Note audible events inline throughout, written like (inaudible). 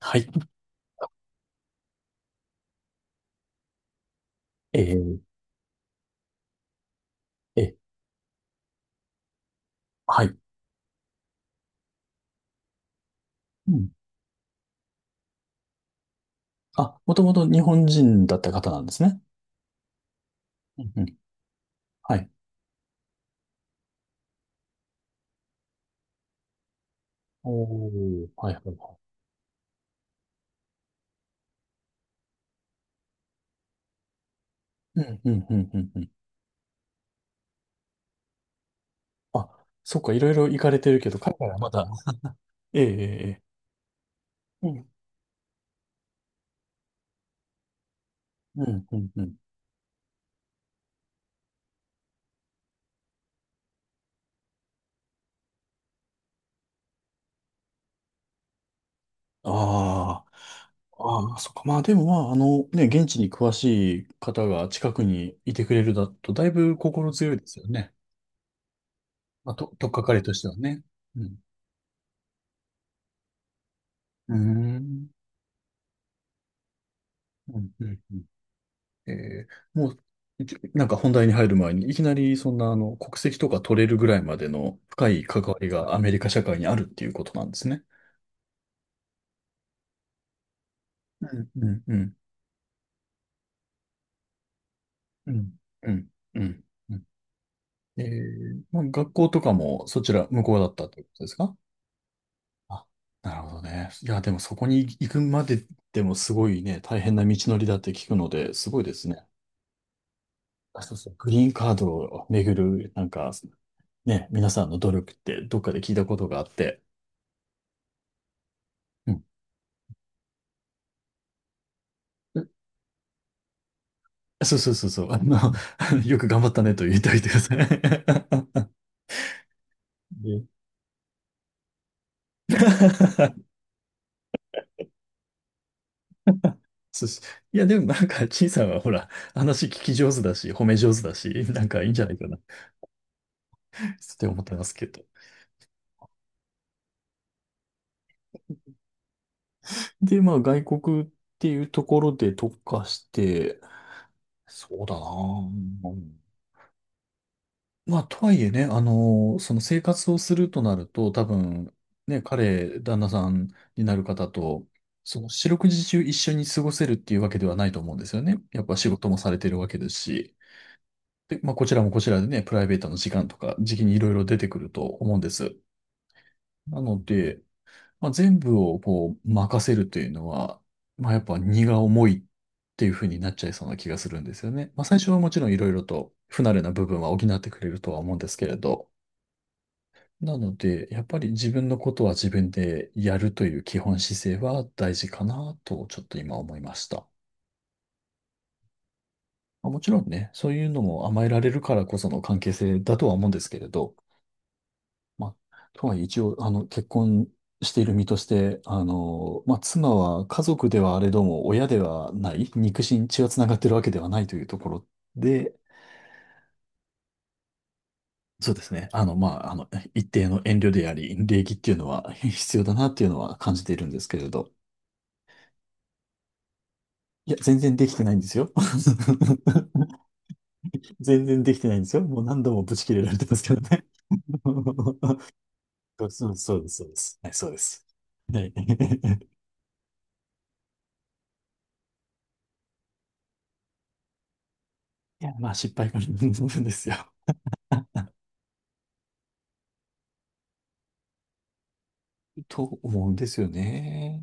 はい。えーえ、はい。うん。あ、もともと日本人だった方なんですね。うんうん。はい。おー、はいはいはい。うん、うん、うん、うん、うん。あ、そっか、いろいろ行かれてるけど、海外はまだ、ええええええ、うん、うん、うん、うん。ああ、ああ、そっか。まあでもまあ、ね、現地に詳しい方が近くにいてくれるだと、だいぶ心強いですよね。まあ、と、とっかかりとしてはね。うん。うーん。うん、うん、うん。えーもう、いきなんか本題に入る前に、いきなりそんな国籍とか取れるぐらいまでの深い関わりがアメリカ社会にあるっていうことなんですね。うんうんうんうんうんうんうん。まあ、学校とかもそちら向こうだったってことですか。あ、なるほどね。いや、でもそこに行くまで、でもすごいね、大変な道のりだって聞くので、すごいですね。あ、そうそう、グリーンカードをめぐる、なんか、ね、皆さんの努力ってどっかで聞いたことがあって、うん、そうそうそうそう。(laughs) よく頑張ったねと言っておいてください。(laughs) で (laughs) そうし、いや、でもなんか、陳さんはほら、話聞き上手だし、褒め上手だし、なんかいいんじゃないかなって思ってますけど。で、まあ、外国っていうところで特化して、そうだなぁ。まあ、とはいえね、その生活をするとなると、多分、ね、彼、旦那さんになる方と、その四六時中一緒に過ごせるっていうわけではないと思うんですよね。やっぱ仕事もされてるわけですし、で、まあ、こちらもこちらでね、プライベートの時間とか、時期にいろいろ出てくると思うんです。なので、まあ、全部をこう、任せるというのは、まあ、やっぱ荷が重いっていうふうになっちゃいそうな気がするんですよね。まあ、最初はもちろんいろいろと不慣れな部分は補ってくれるとは思うんですけれど、なので、やっぱり自分のことは自分でやるという基本姿勢は大事かなと、ちょっと今思いました。まあ、もちろんね、そういうのも甘えられるからこその関係性だとは思うんですけれど、まあ、とはいえ一応、結婚している身として、まあ、妻は家族ではあれども、親ではない、肉親、血はつながってるわけではないというところで、そうですね。一定の遠慮であり、礼儀っていうのは (laughs) 必要だなっていうのは感じているんですけれど。いや、全然できてないんですよ。(laughs) 全然できてないんですよ。もう何度もブチ切れられてますけどね。(laughs) そうそうそうです、そうです。はい、そうです。はい。(laughs) いや、まあ失敗からなんですよ。と思うんですよね。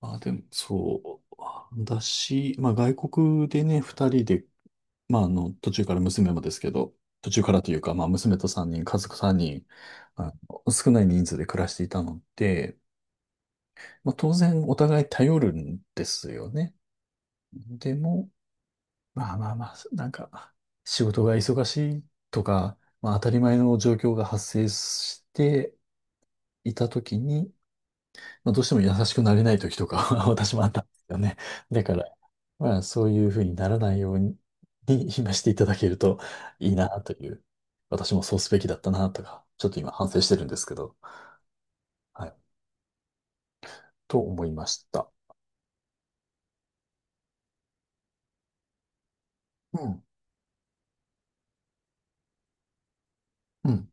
まあでも、そう。私、まあ外国でね、二人で、まあ途中から娘もですけど、途中からというか、まあ娘と三人、家族三人、少ない人数で暮らしていたので、まあ当然お互い頼るんですよね。でも、まあまあまあ、なんか、仕事が忙しいとか、まあ当たり前の状況が発生していたときに、まあどうしても優しくなれないときとかは (laughs) 私もあったんですよね。だから、まあそういうふうにならないように、に今していただけるといいなという、私もそうすべきだったなとか、ちょっと今反省してるんですけど、はい、と思いました。うん、うん、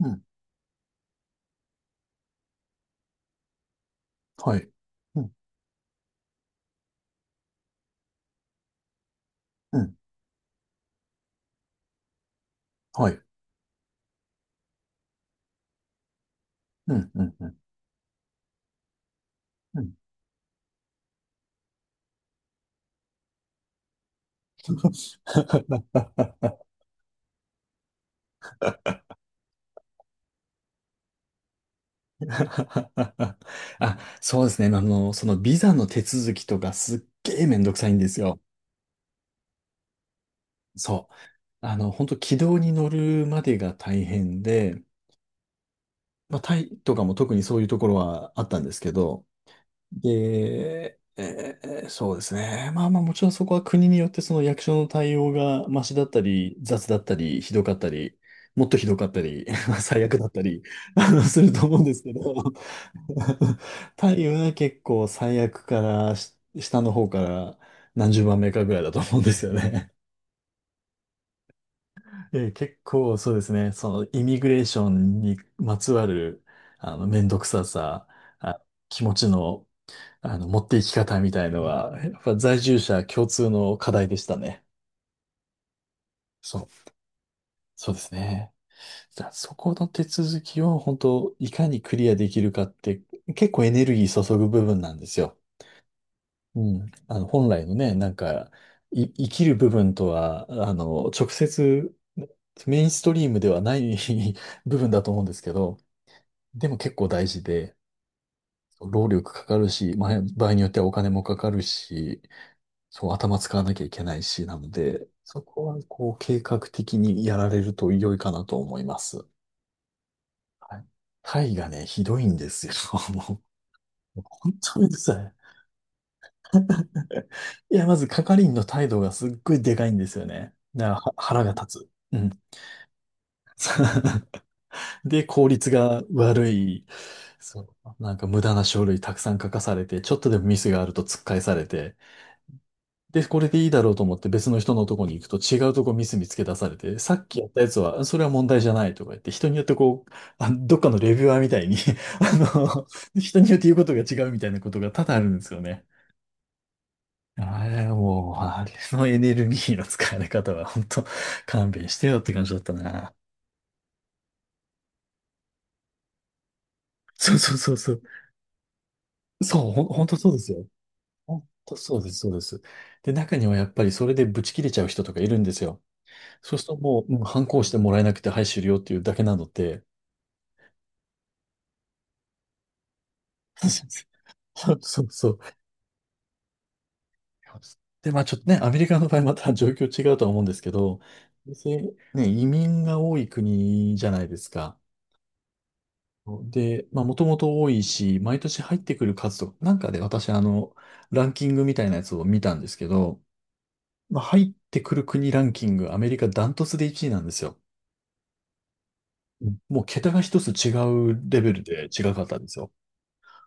うん、はい。うん、うん、はい。うん、うん、うん。うん。 (laughs) (laughs) あ、そうですね。そのビザの手続きとかすっげえめんどくさいんですよ。そう。本当軌道に乗るまでが大変で、まあ、タイとかも特にそういうところはあったんですけど、で、そうですね。まあまあもちろんそこは国によってその役所の対応がマシだったり、雑だったり、ひどかったり、もっとひどかったり、(laughs) 最悪だったり、すると思うんですけど、太陽は結構最悪からし下の方から何十番目かぐらいだと思うんですよね。(laughs) 結構そうですね、そのイミグレーションにまつわるあの面倒くささ、あ、気持ちの、あの持っていき方みたいのは、やっぱ在住者共通の課題でしたね。そう、そうですね。じゃあそこの手続きを本当いかにクリアできるかって結構エネルギー注ぐ部分なんですよ。うん。本来のね、なんか、い、生きる部分とは、直接、メインストリームではない (laughs) 部分だと思うんですけど、でも結構大事で、労力かかるし、まあ、場合によってはお金もかかるし、そう、頭使わなきゃいけないし、なので、そこは、こう、計画的にやられると良いかなと思います。はい。タイがね、ひどいんですよ。(laughs) もう、本当にうるさい。いや、まず係員の態度がすっごいでかいんですよね。だからは腹が立つ。うん。(laughs) で、効率が悪い。そう。なんか無駄な書類たくさん書かされて、ちょっとでもミスがあると突っ返されて、で、これでいいだろうと思って別の人のとこに行くと違うとこミス見つけ出されて、さっきやったやつは、それは問題じゃないとか言って、人によってこう、あ、どっかのレビュアーみたいに (laughs) あの、人によって言うことが違うみたいなことが多々あるんですよね。あれ、もう、あれのエネルギーの使われ方は、本当勘弁してよって感じだったな。そうそうそうそう。そう、ほん、本当そうですよ。本当そうです、そうです。で、中にはやっぱりそれでブチ切れちゃう人とかいるんですよ。そうするともう、うん、反抗してもらえなくて、はい、終了っていうだけなので。(laughs) そうそうそう。で、まあちょっとね、アメリカの場合また状況違うとは思うんですけど、別にね、移民が多い国じゃないですか。で、まあ、もともと多いし、毎年入ってくる数とか、なんかで私、ランキングみたいなやつを見たんですけど、まあ、入ってくる国ランキング、アメリカダントツで1位なんですよ。うん、もう桁が一つ違うレベルで違かったんですよ。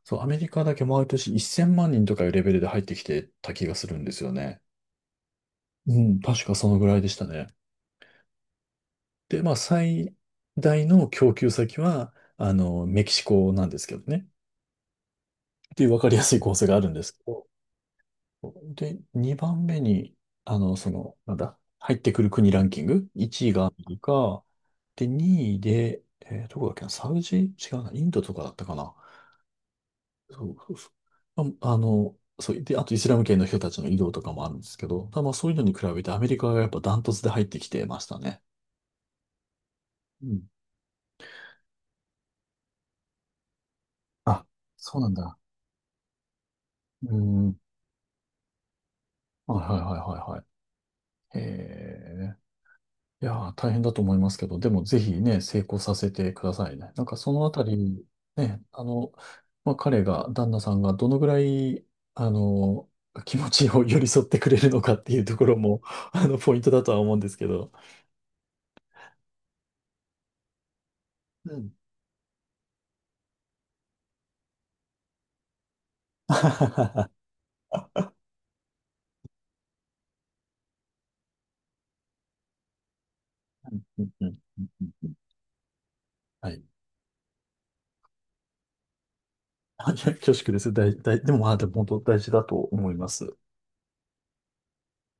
そう、アメリカだけ毎年1000万人とかいうレベルで入ってきてた気がするんですよね。うん、確かそのぐらいでしたね。で、まあ、最大の供給先は、メキシコなんですけどね。っていう分かりやすい構成があるんですけど、で、2番目に、なんだ、入ってくる国ランキング、1位がアメリカ、で、2位で、どこだっけな、サウジ違うな、インドとかだったかな。そうそうそう。あ、そう、で、あとイスラム圏の人たちの移動とかもあるんですけど、ただまあそういうのに比べてアメリカがやっぱダントツで入ってきてましたね。うん。あ、そうなんだ。うん。はいはいはいはいはい。へえ。いやー、大変だと思いますけど、でもぜひね、成功させてくださいね。なんかそのあたり、ね、まあ、彼が、旦那さんがどのぐらい、あの、気持ちを寄り添ってくれるのかっていうところも、ポイントだとは思うんですけど。うん。(laughs) うんうんうんうんうん、はい。あ、いや恐縮です。大、大、でも、まあ、でも本当大事だと思います。